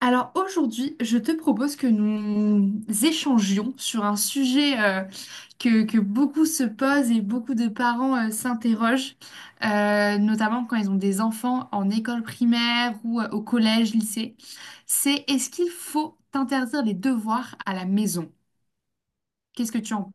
Alors aujourd'hui, je te propose que nous échangions sur un sujet que beaucoup se posent et beaucoup de parents s'interrogent, notamment quand ils ont des enfants en école primaire ou au collège, lycée. C'est est-ce qu'il faut interdire les devoirs à la maison? Qu'est-ce que tu en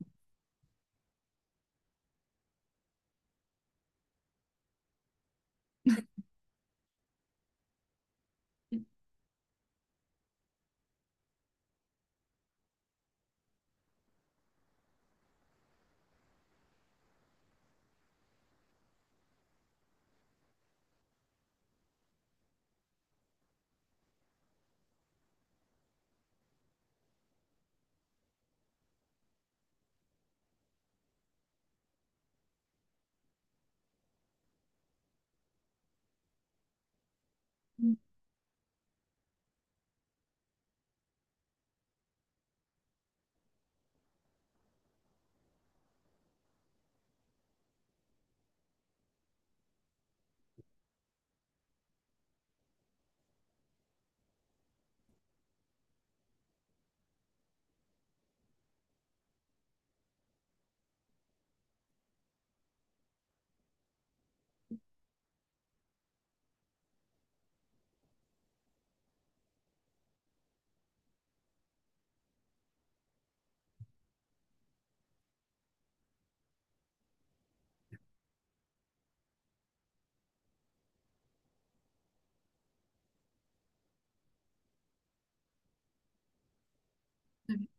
penses?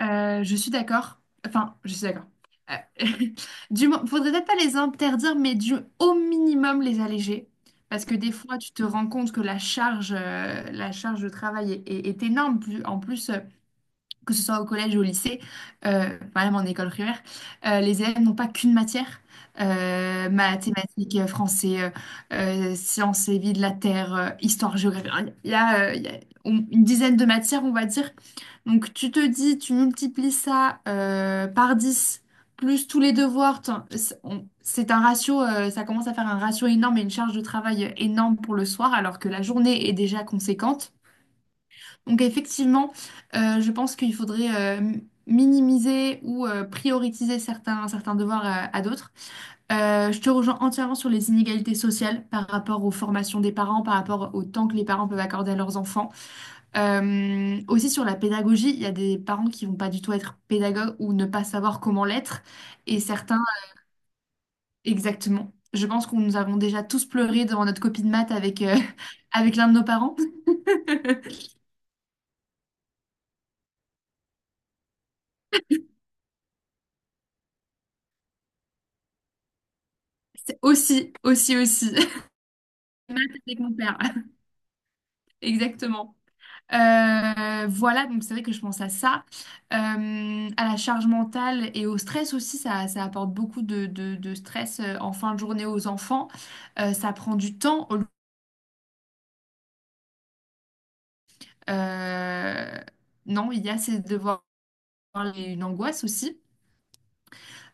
Je suis d'accord. Enfin, je suis d'accord. Euh, Faudrait peut-être pas les interdire, mais du au minimum les alléger. Parce que des fois, tu te rends compte que la charge de travail est énorme. En plus, que ce soit au collège ou au lycée, enfin, même en école primaire, les élèves n'ont pas qu'une matière. Mathématiques, français, sciences et vie de la Terre, histoire, géographie. Enfin, il y a, il y a une dizaine de matières, on va dire. Donc tu te dis, tu multiplies ça par 10 plus tous les devoirs, c'est c'est un ratio, ça commence à faire un ratio énorme et une charge de travail énorme pour le soir, alors que la journée est déjà conséquente. Donc effectivement, je pense qu'il faudrait minimiser ou prioriser certains devoirs à d'autres. Je te rejoins entièrement sur les inégalités sociales par rapport aux formations des parents, par rapport au temps que les parents peuvent accorder à leurs enfants. Aussi sur la pédagogie, il y a des parents qui vont pas du tout être pédagogues ou ne pas savoir comment l'être, et certains exactement. Je pense qu'on nous avons déjà tous pleuré devant notre copie de maths avec, avec l'un de nos parents. C'est aussi, aussi, aussi. Maths avec mon père. Exactement. Voilà, donc c'est vrai que je pense à ça, à la charge mentale et au stress aussi, ça apporte beaucoup de stress en fin de journée aux enfants. Ça prend du temps. Euh, non, il y a ces devoirs et une angoisse aussi.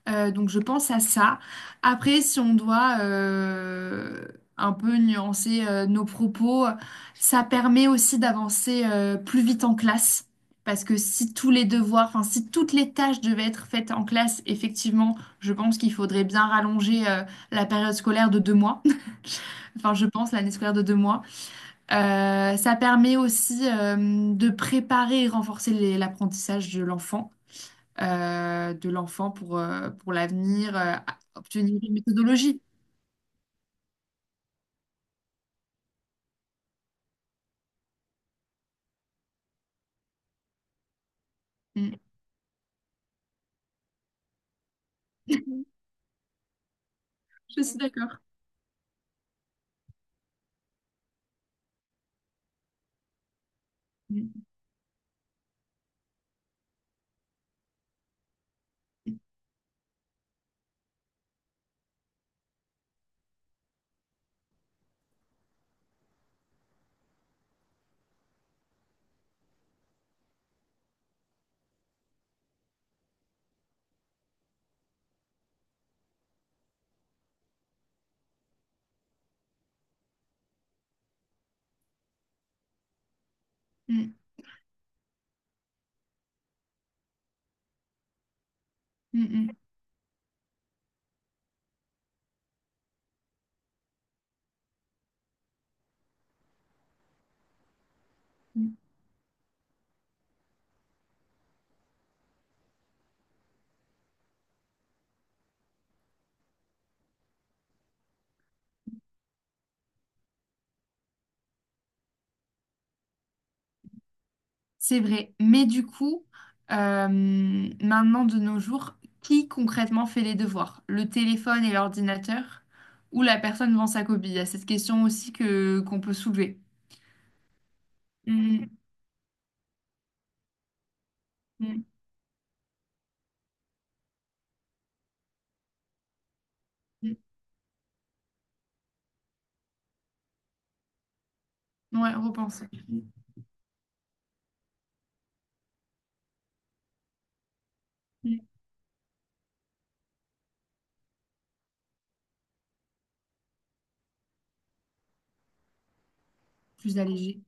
Donc je pense à ça. Après, si on doit un peu nuancer nos propos, ça permet aussi d'avancer plus vite en classe. Parce que si tous les devoirs, enfin si toutes les tâches devaient être faites en classe, effectivement, je pense qu'il faudrait bien rallonger la période scolaire de deux mois. Enfin, je pense l'année scolaire de deux mois. Ça permet aussi de préparer et renforcer l'apprentissage de l'enfant pour l'avenir, obtenir une méthodologie. Mm. Je suis d'accord. Mm, mm, mm, mm, mm. C'est vrai. Mais du coup, euh, maintenant de nos jours, qui concrètement fait les devoirs? Le téléphone et l'ordinateur ou la personne devant sa copie? Il y a cette question aussi que qu'on peut soulever. Mm, mm, mm. Ouais, repense. Mm, mm. Plus allégé.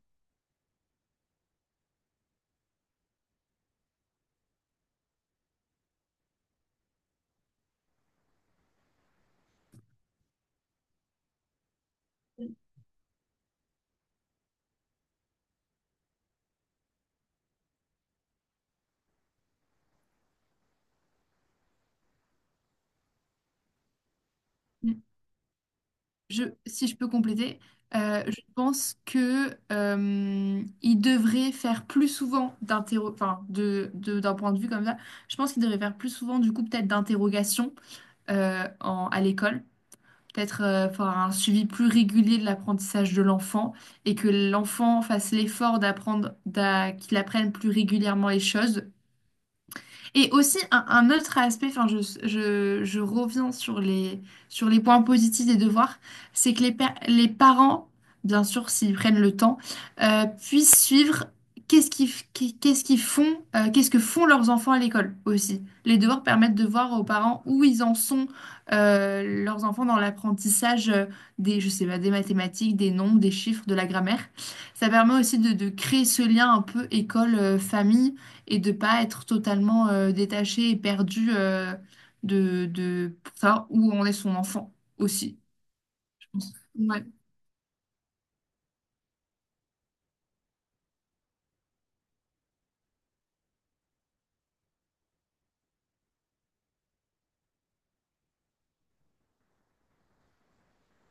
Je, si je peux compléter, je pense que il devrait faire plus souvent d'interro, enfin d'un point de vue comme ça. Je pense qu'il devrait faire plus souvent du coup peut-être d'interrogations à l'école, peut-être faire un suivi plus régulier de l'apprentissage de l'enfant et que l'enfant fasse l'effort d'apprendre, qu'il apprenne plus régulièrement les choses. Et aussi, un autre aspect, enfin, je reviens sur les points positifs des devoirs, c'est que les parents, bien sûr, s'ils prennent le temps, puissent suivre qu'est-ce qu'ils font, qu'est-ce que font leurs enfants à l'école aussi. Les devoirs permettent de voir aux parents où ils en sont, leurs enfants dans l'apprentissage des, je sais pas, des mathématiques, des nombres, des chiffres, de la grammaire. Ça permet aussi de créer ce lien un peu école-famille et de pas être totalement détaché et perdu de pour savoir où en est son enfant aussi, je pense. Ouais.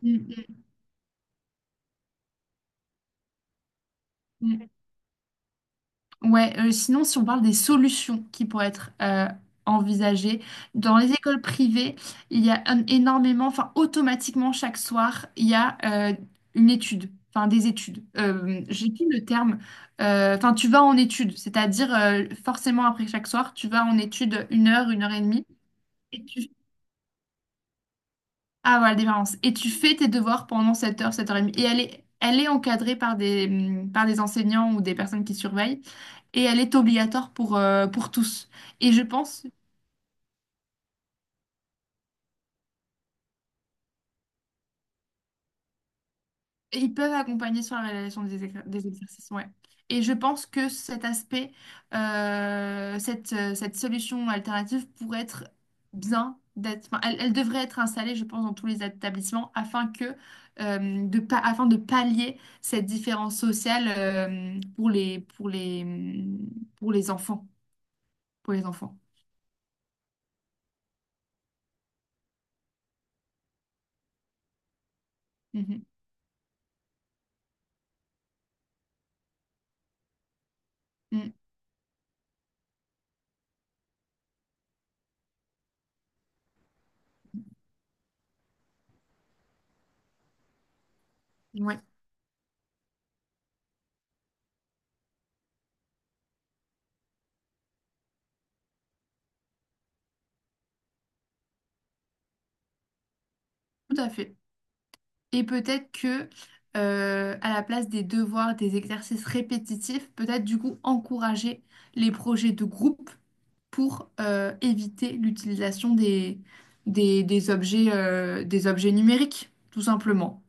Mm, mm, mm. Ouais, sinon, si on parle des solutions qui pourraient être envisagées, dans les écoles privées, il y a énormément, enfin, automatiquement, chaque soir, il y a euh, une étude. Enfin, des études. J'ai plus le terme. Enfin, tu vas en étude, c'est-à-dire forcément après chaque soir, tu vas en étude une heure et demie. Ah voilà, la différence. Et tu fais tes devoirs pendant 7 heures, 7h30. Et elle est encadrée par des enseignants ou des personnes qui surveillent. Et elle est obligatoire pour tous. Et je pense. Ils peuvent accompagner sur la réalisation des, des exercices, ouais. Et je pense que cet aspect, cette, cette solution alternative pourrait être bien d'être, enfin, elle, elle devrait être installée, je pense, dans tous les établissements afin que, afin de pallier cette différence sociale, pour les, pour les, pour les enfants, pour les enfants. Mhm. Mm. Ouais, tout à fait. Et peut-être que, à la place des devoirs, des exercices répétitifs, peut-être du coup encourager les projets de groupe pour éviter l'utilisation des objets numériques, tout simplement.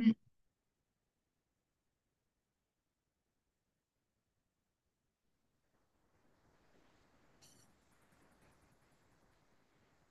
Mm.